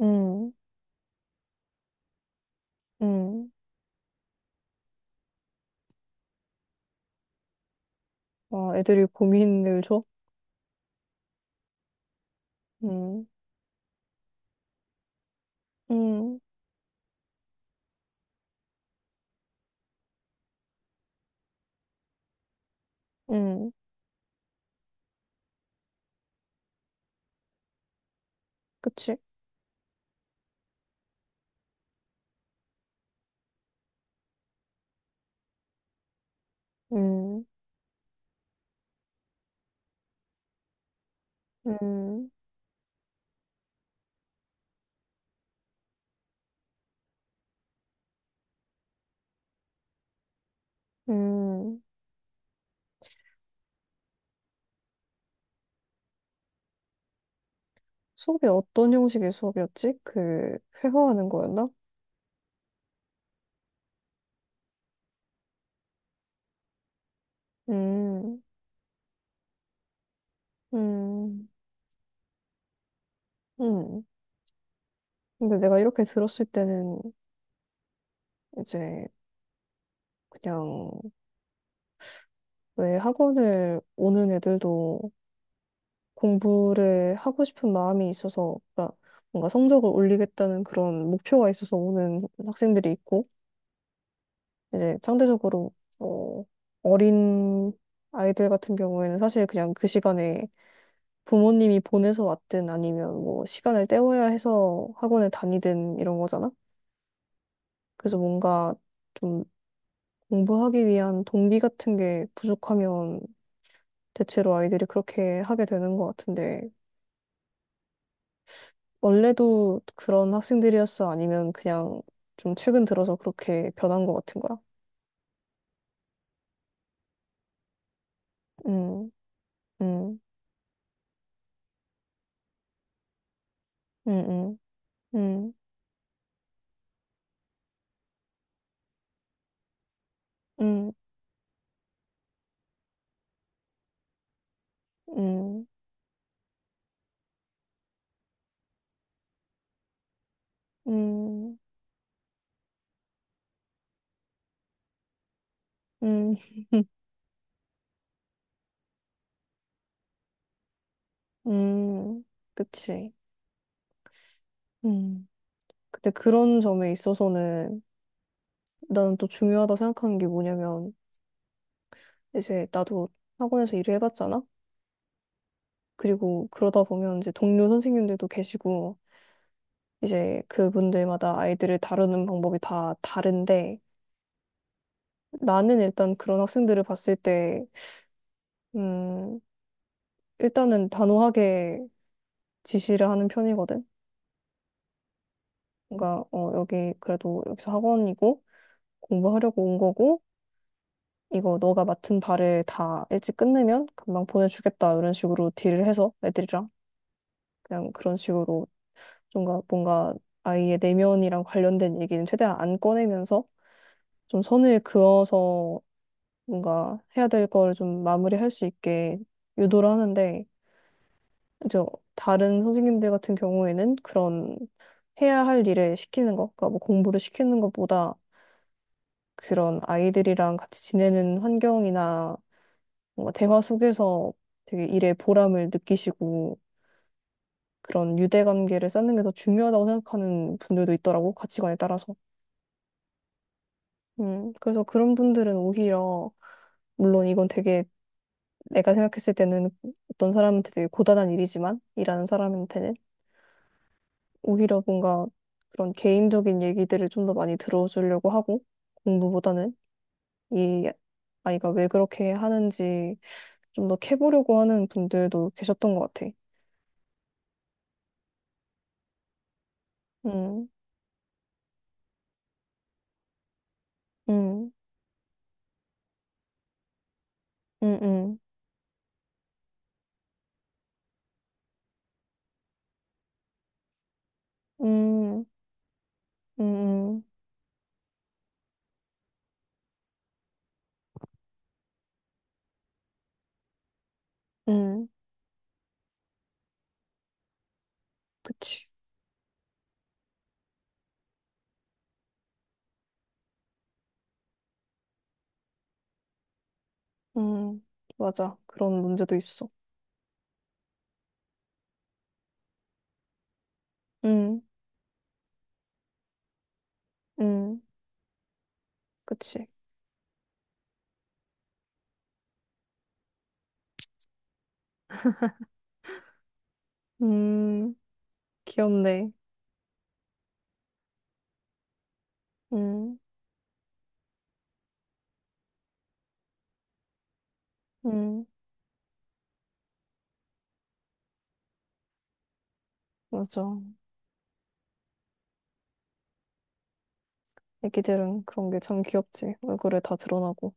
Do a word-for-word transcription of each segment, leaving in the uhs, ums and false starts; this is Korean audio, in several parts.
음, 음. 와, 애들이 고민을 줘? 음, 음, 음. 그치? 음, 음, 음. 수업이 어떤 형식의 수업이었지? 그, 회화하는 거였나? 음, 음, 음. 근데 내가 이렇게 들었을 때는 이제 그냥 왜 학원을 오는 애들도 공부를 하고 싶은 마음이 있어서, 그러니까 뭔가 성적을 올리겠다는 그런 목표가 있어서 오는 학생들이 있고, 이제 상대적으로 어, 어린 아이들 같은 경우에는 사실 그냥 그 시간에 부모님이 보내서 왔든 아니면 뭐 시간을 때워야 해서 학원을 다니든 이런 거잖아. 그래서 뭔가 좀 공부하기 위한 동기 같은 게 부족하면 대체로 아이들이 그렇게 하게 되는 것 같은데 원래도 그런 학생들이었어? 아니면 그냥 좀 최근 들어서 그렇게 변한 것 같은 거야? 음, 음, 음, 음, 음, 음, 음. 음, 음, 음, 그치. 음. 근데 그런 점에 있어서는 나는 또 중요하다 생각하는 게 뭐냐면, 이제 나도 학원에서 일을 해봤잖아? 그리고 그러다 보면 이제 동료 선생님들도 계시고, 이제 그분들마다 아이들을 다루는 방법이 다 다른데, 나는 일단 그런 학생들을 봤을 때, 음, 일단은 단호하게 지시를 하는 편이거든? 그러니까, 어, 여기 그래도 여기서 학원이고, 공부하려고 온 거고, 이거 너가 맡은 바를 다 일찍 끝내면 금방 보내주겠다 이런 식으로 딜을 해서 애들이랑 그냥 그런 식으로 뭔가 뭔가 아이의 내면이랑 관련된 얘기는 최대한 안 꺼내면서 좀 선을 그어서 뭔가 해야 될 걸 좀 마무리할 수 있게 유도를 하는데 이제 다른 선생님들 같은 경우에는 그런 해야 할 일을 시키는 것, 그러니까 뭐 공부를 시키는 것보다 그런 아이들이랑 같이 지내는 환경이나 뭔가 대화 속에서 되게 일의 보람을 느끼시고 그런 유대관계를 쌓는 게 더 중요하다고 생각하는 분들도 있더라고, 가치관에 따라서. 음, 그래서 그런 분들은 오히려, 물론 이건 되게 내가 생각했을 때는 어떤 사람한테 되게 고단한 일이지만, 일하는 사람한테는 오히려 뭔가 그런 개인적인 얘기들을 좀 더 많이 들어주려고 하고, 공부보다는 이 아이가 왜 그렇게 하는지 좀 더 캐보려고 하는 분들도 계셨던 것 같아. 음, 음, 음, 음. 음, 음, 음, 음, 그치. 음, 맞아. 그런 문제도 있어. 음, 음, 그치. 음, 귀엽네. 음, 음, 맞아. 애기들은 그런 게 참 귀엽지. 얼굴에 다 드러나고.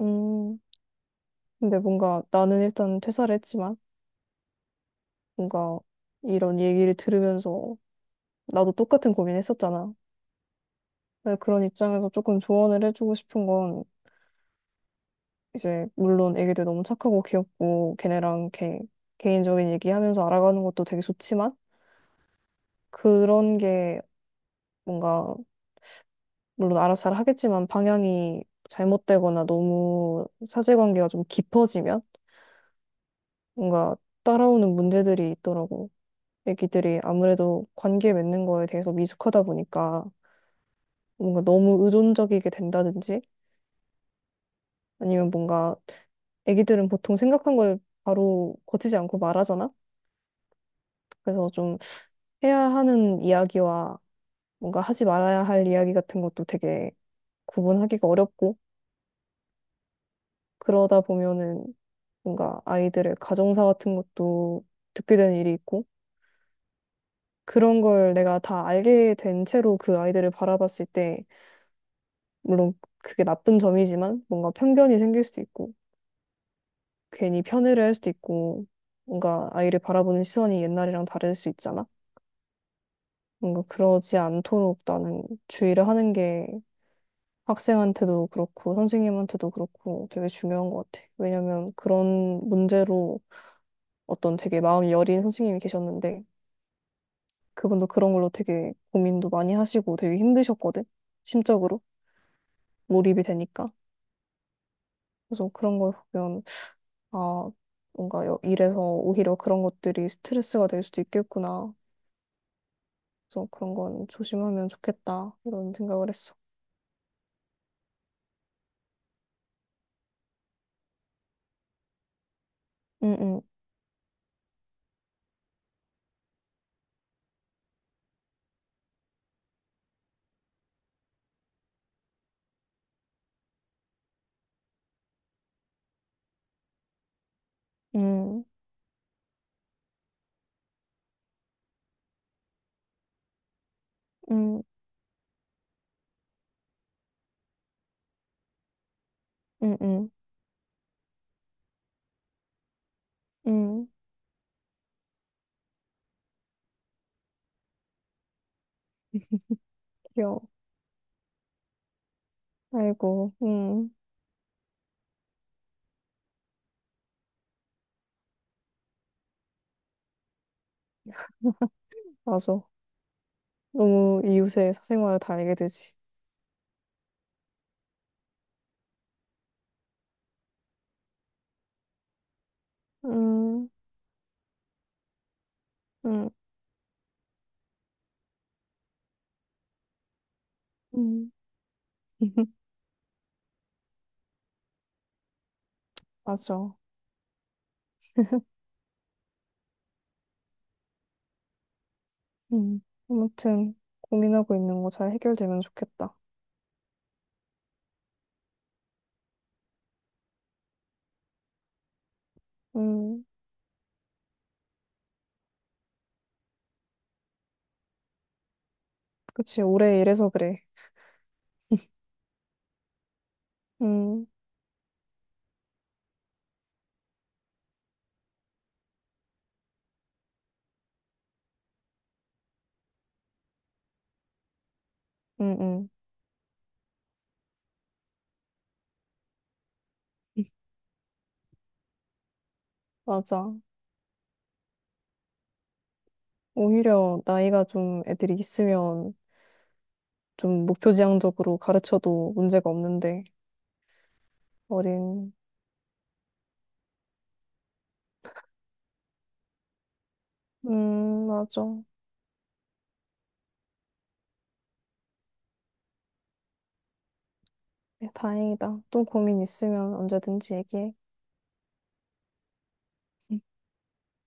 음, 근데 뭔가 나는 일단 퇴사를 했지만, 뭔가 이런 얘기를 들으면서 나도 똑같은 고민했었잖아. 그런 입장에서 조금 조언을 해주고 싶은 건 이제 물론 애기들 너무 착하고 귀엽고 걔네랑 이렇게 개인적인 얘기하면서 알아가는 것도 되게 좋지만 그런 게 뭔가 물론 알아서 잘 하겠지만 방향이 잘못되거나 너무 사실관계가 좀 깊어지면 뭔가 따라오는 문제들이 있더라고. 애기들이 아무래도 관계 맺는 거에 대해서 미숙하다 보니까 뭔가 너무 의존적이게 된다든지 아니면 뭔가 애기들은 보통 생각한 걸 바로 거치지 않고 말하잖아. 그래서 해야 하는 이야기와 뭔가 하지 말아야 할 이야기 같은 것도 되게 구분하기가 어렵고 그러다 보면은 뭔가 아이들의 가정사 같은 것도 듣게 되는 일이 있고 그런 걸 내가 다 알게 된 채로 그 아이들을 바라봤을 때 물론 그게 나쁜 점이지만 뭔가 편견이 생길 수도 있고 괜히 편애를 할 수도 있고 뭔가 아이를 바라보는 시선이 옛날이랑 다를 수 있잖아. 뭔가 그러지 않도록 나는 주의를 하는 게 학생한테도 그렇고 선생님한테도 그렇고 되게 중요한 것 같아. 왜냐면 그런 문제로 어떤 되게 마음이 여린 선생님이 계셨는데 그분도 그런 걸로 되게 고민도 많이 하시고 되게 힘드셨거든. 심적으로 몰입이 되니까. 그래서 그런 걸 보면 아 뭔가 여- 일에서 오히려 그런 것들이 스트레스가 될 수도 있겠구나. 그래서 그런 건 조심하면 좋겠다 이런 생각을 했어. 응응 응응응응응 귀여워. 아이고 응 맞아. 너무 이웃의 사생활을 다 알게 되지. 음, 음, 음. 맞아. 음. 아무튼 고민하고 있는 거 잘 해결되면 좋겠다. 음, 그치. 올해 이래서 그래. 음, 음, 음. 맞아. 오히려 나이가 좀 애들이 있으면 좀 목표지향적으로 가르쳐도 문제가 없는데 어린. 음, 맞아. 네, 다행이다. 또 고민 있으면 언제든지 얘기해.